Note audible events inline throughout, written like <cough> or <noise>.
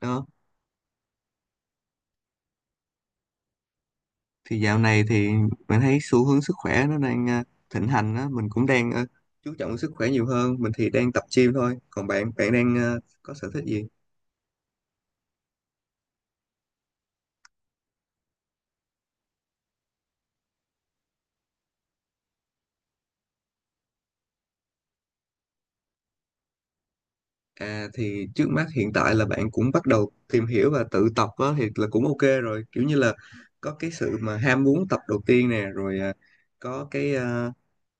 Đó thì dạo này thì mình thấy xu hướng sức khỏe nó đang thịnh hành á, mình cũng đang chú trọng sức khỏe nhiều hơn. Mình thì đang tập gym thôi, còn bạn bạn đang có sở thích gì? À, thì trước mắt hiện tại là bạn cũng bắt đầu tìm hiểu và tự tập á, thì là cũng ok rồi, kiểu như là có cái sự mà ham muốn tập đầu tiên nè, rồi có cái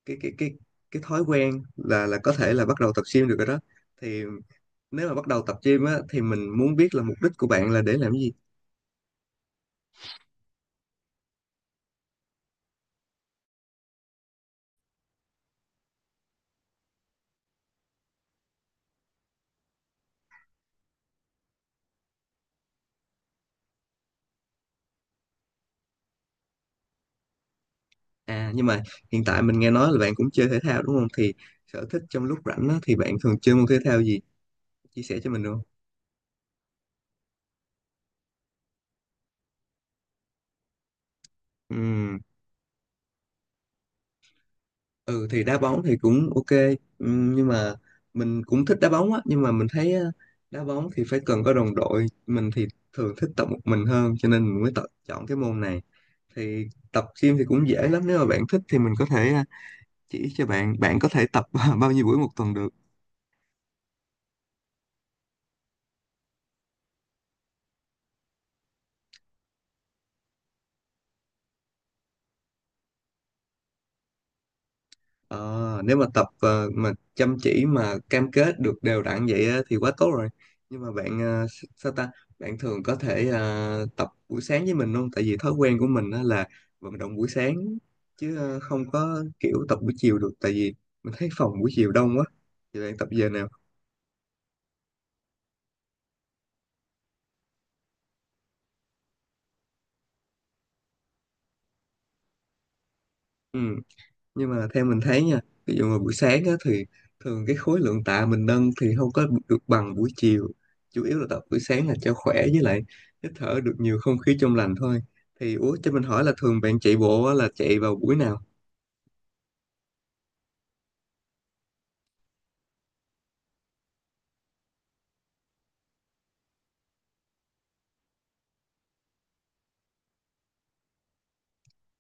cái cái cái cái thói quen là có thể là bắt đầu tập gym được rồi đó. Thì nếu mà bắt đầu tập gym á, thì mình muốn biết là mục đích của bạn là để làm gì. À nhưng mà hiện tại mình nghe nói là bạn cũng chơi thể thao đúng không? Thì sở thích trong lúc rảnh á, thì bạn thường chơi môn thể thao gì? Chia sẻ cho mình được không? Ừm. Ừ thì đá bóng thì cũng ok. Nhưng mà mình cũng thích đá bóng á, nhưng mà mình thấy á, đá bóng thì phải cần có đồng đội, mình thì thường thích tập một mình hơn, cho nên mình mới tập chọn cái môn này. Thì tập gym thì cũng dễ lắm, nếu mà bạn thích thì mình có thể chỉ cho bạn. Bạn có thể tập <laughs> bao nhiêu buổi một tuần được? Ờ, nếu mà tập mà chăm chỉ mà cam kết được đều đặn vậy á, thì quá tốt rồi. Nhưng mà bạn sao ta? Bạn thường có thể tập buổi sáng với mình luôn. Tại vì thói quen của mình á là vận động buổi sáng, chứ không có kiểu tập buổi chiều được. Tại vì mình thấy phòng buổi chiều đông quá. Thì bạn tập giờ nào? Ừ, nhưng mà theo mình thấy nha, ví dụ mà buổi sáng á, thì thường cái khối lượng tạ mình nâng thì không có được bằng buổi chiều. Chủ yếu là tập buổi sáng là cho khỏe, với lại hít thở được nhiều không khí trong lành thôi. Thì ủa, cho mình hỏi là thường bạn chạy bộ á, là chạy vào buổi nào?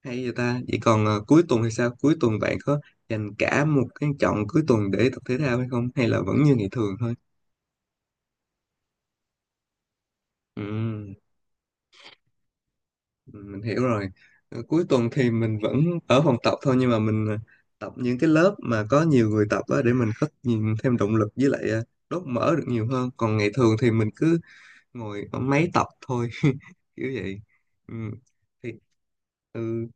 Hay vậy ta. Vậy còn cuối tuần thì sao? Cuối tuần bạn có dành cả một cái chọn cuối tuần để tập thể thao hay không, hay là vẫn như ngày thường thôi? Ừ. Ừ, mình hiểu rồi. Ờ, cuối tuần thì mình vẫn ở phòng tập thôi, nhưng mà mình tập những cái lớp mà có nhiều người tập á, để mình có nhìn thêm động lực, với lại đốt mỡ được nhiều hơn. Còn ngày thường thì mình cứ ngồi ở máy tập thôi. <laughs> Kiểu vậy. Ừ. Thì ừ.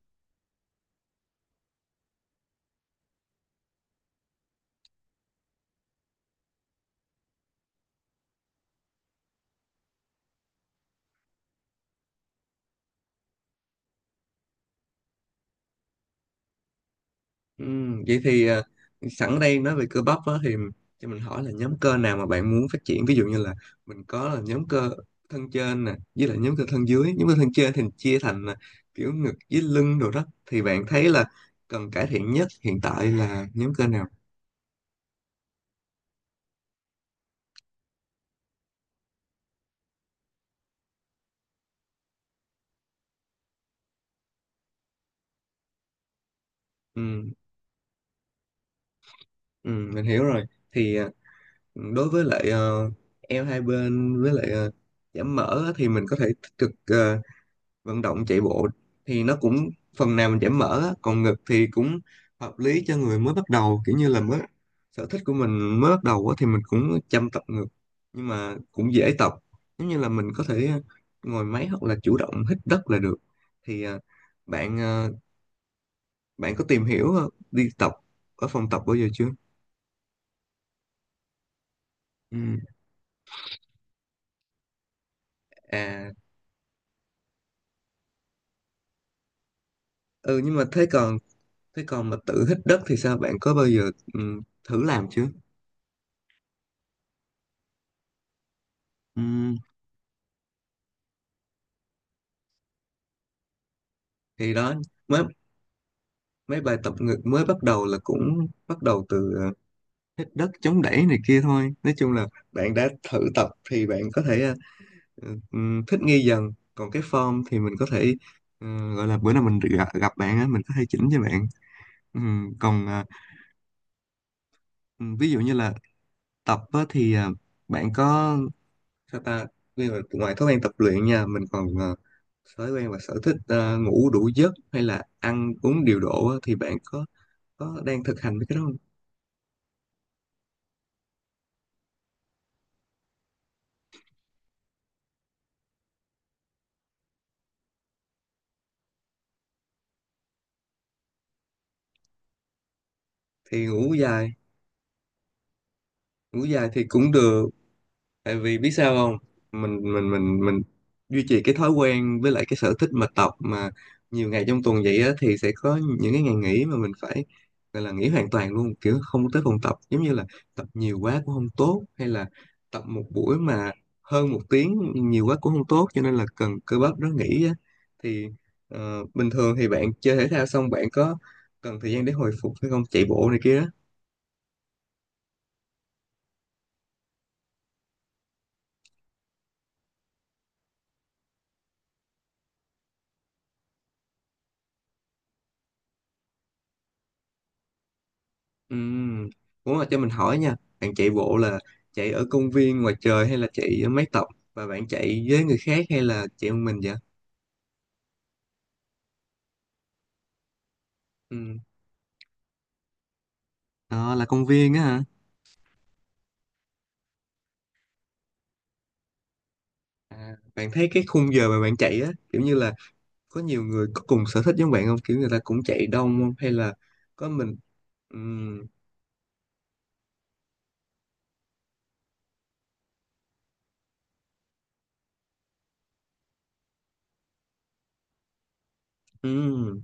Ừ, vậy thì sẵn đây nói về cơ bắp á, thì cho mình hỏi là nhóm cơ nào mà bạn muốn phát triển? Ví dụ như là mình có là nhóm cơ thân trên nè, với lại nhóm cơ thân dưới. Nhóm cơ thân trên thì chia thành kiểu ngực với lưng đồ đó. Thì bạn thấy là cần cải thiện nhất hiện tại là nhóm cơ nào? Ừ. Ừ, mình hiểu rồi. Thì đối với lại eo hai bên, với lại giảm mỡ á, thì mình có thể tích cực vận động chạy bộ, thì nó cũng phần nào mình giảm mỡ á. Còn ngực thì cũng hợp lý cho người mới bắt đầu, kiểu như là mới sở thích của mình mới bắt đầu á, thì mình cũng chăm tập ngực, nhưng mà cũng dễ tập. Giống như là mình có thể ngồi máy hoặc là chủ động hít đất là được. Thì bạn bạn có tìm hiểu đi tập ở phòng tập bao giờ chưa? Ừ. À. Ừ nhưng mà thế còn, thế còn mà tự hít đất thì sao, bạn có bao giờ thử làm chưa? Ừ. Thì đó, mới mấy bài tập ngực mới bắt đầu là cũng bắt đầu từ hít đất chống đẩy này kia thôi. Nói chung là bạn đã thử tập thì bạn có thể thích nghi dần. Còn cái form thì mình có thể gọi là bữa nào mình gặp bạn á, mình có thể chỉnh cho bạn. Còn ví dụ như là tập á, thì bạn có sao ta. Ví dụ ngoài thói quen tập luyện nha, mình còn thói quen và sở thích ngủ đủ giấc hay là ăn uống điều độ á, thì bạn có đang thực hành với cái đó không? Thì ngủ dài. Ngủ dài thì cũng được, tại vì biết sao không, mình duy trì cái thói quen với lại cái sở thích mà tập mà nhiều ngày trong tuần vậy á, thì sẽ có những cái ngày nghỉ mà mình phải gọi là nghỉ hoàn toàn luôn, kiểu không tới phòng tập. Giống như là tập nhiều quá cũng không tốt, hay là tập một buổi mà hơn một tiếng nhiều quá cũng không tốt, cho nên là cần cơ bắp nó nghỉ á. Thì bình thường thì bạn chơi thể thao xong bạn có cần thời gian để hồi phục hay không, chạy bộ này kia đó? Ừm. Muốn là cho mình hỏi nha, bạn chạy bộ là chạy ở công viên ngoài trời hay là chạy ở mái tóc, và bạn chạy với người khác hay là chạy một mình vậy? Ừm. Đó là công viên á hả? À, bạn thấy cái khung giờ mà bạn chạy á, kiểu như là có nhiều người có cùng sở thích giống bạn không? Kiểu người ta cũng chạy đông không? Hay là có mình? Ừm. Ừm,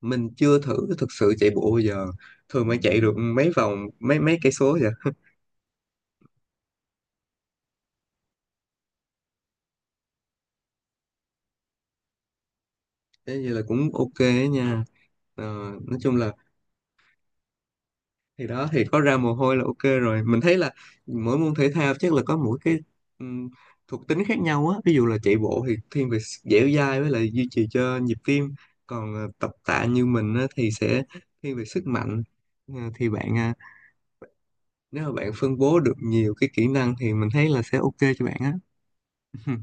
mình chưa thử thực sự chạy bộ bao giờ. Thường bạn chạy được mấy vòng, mấy mấy cây số vậy? Thế như là cũng ok á nha. Ờ, nói chung là thì đó, thì có ra mồ hôi là ok rồi. Mình thấy là mỗi môn thể thao chắc là có mỗi cái ừm, thuộc tính khác nhau á. Ví dụ là chạy bộ thì thiên về dẻo dai, với lại duy trì cho nhịp tim. Còn tập tạ như mình á, thì sẽ thiên về sức mạnh. Ờ, thì bạn nếu mà bạn phân bố được nhiều cái kỹ năng thì mình thấy là sẽ ok cho bạn á. <laughs>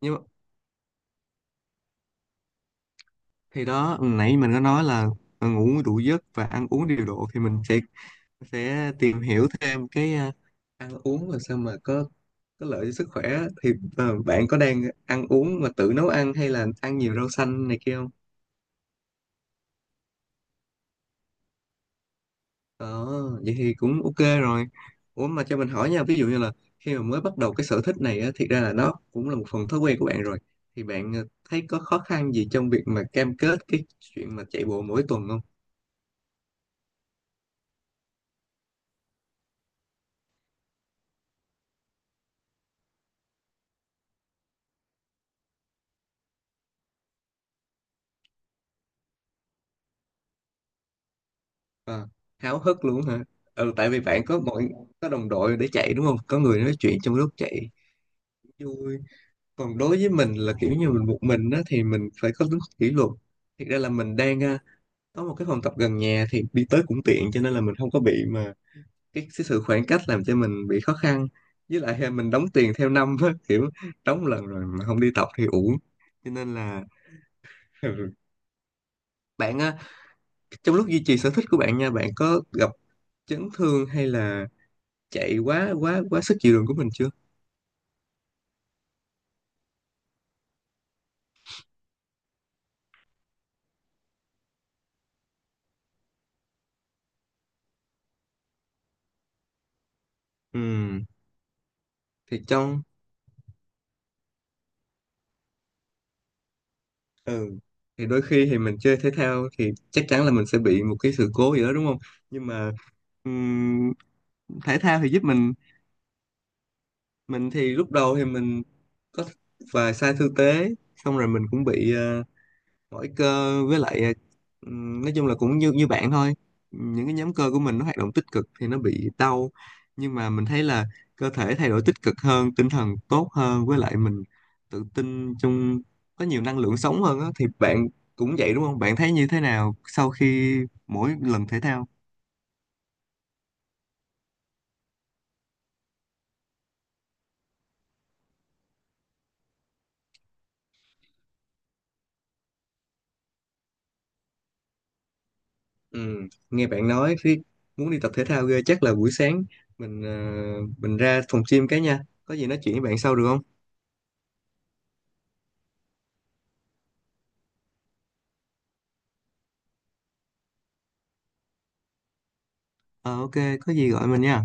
Nhưng mà thì đó, nãy mình có nói là ngủ đủ giấc và ăn uống điều độ, thì mình sẽ tìm hiểu thêm cái ăn uống làm sao mà có lợi cho sức khỏe á. Thì à, bạn có đang ăn uống mà tự nấu ăn hay là ăn nhiều rau xanh này kia không? Ờ, vậy thì cũng ok rồi. Ủa mà cho mình hỏi nha, ví dụ như là khi mà mới bắt đầu cái sở thích này á, thiệt ra là nó cũng là một phần thói quen của bạn rồi. Thì bạn thấy có khó khăn gì trong việc mà cam kết cái chuyện mà chạy bộ mỗi tuần không? À, háo hức luôn hả? Ừ, tại vì bạn có mọi, có đồng đội để chạy đúng không? Có người nói chuyện trong lúc chạy vui. Còn đối với mình là kiểu như mình một mình á, thì mình phải có tính kỷ luật. Thiệt ra là mình đang có một cái phòng tập gần nhà thì đi tới cũng tiện, cho nên là mình không có bị mà cái sự khoảng cách làm cho mình bị khó khăn. Với lại mình đóng tiền theo năm á, kiểu đóng lần rồi mà không đi tập thì uổng, cho nên là ừ. Bạn á, trong lúc duy trì sở thích của bạn nha, bạn có gặp chấn thương hay là chạy quá quá quá sức chịu đựng của mình chưa? Ừ thì trong, ừ thì đôi khi thì mình chơi thể thao thì chắc chắn là mình sẽ bị một cái sự cố gì đó đúng không, nhưng mà ừm, thể thao thì giúp mình. Mình thì lúc đầu thì mình có vài sai tư thế, xong rồi mình cũng bị mỗi cơ, với lại nói chung là cũng như như bạn thôi. Những cái nhóm cơ của mình nó hoạt động tích cực thì nó bị đau, nhưng mà mình thấy là cơ thể thay đổi tích cực hơn, tinh thần tốt hơn, với lại mình tự tin trong, có nhiều năng lượng sống hơn á. Thì bạn cũng vậy đúng không? Bạn thấy như thế nào sau khi mỗi lần thể thao? Ừ, nghe bạn nói khi muốn đi tập thể thao ghê. Chắc là buổi sáng mình mình ra phòng gym cái nha. Có gì nói chuyện với bạn sau được không? Ờ ok, có gì gọi mình nha.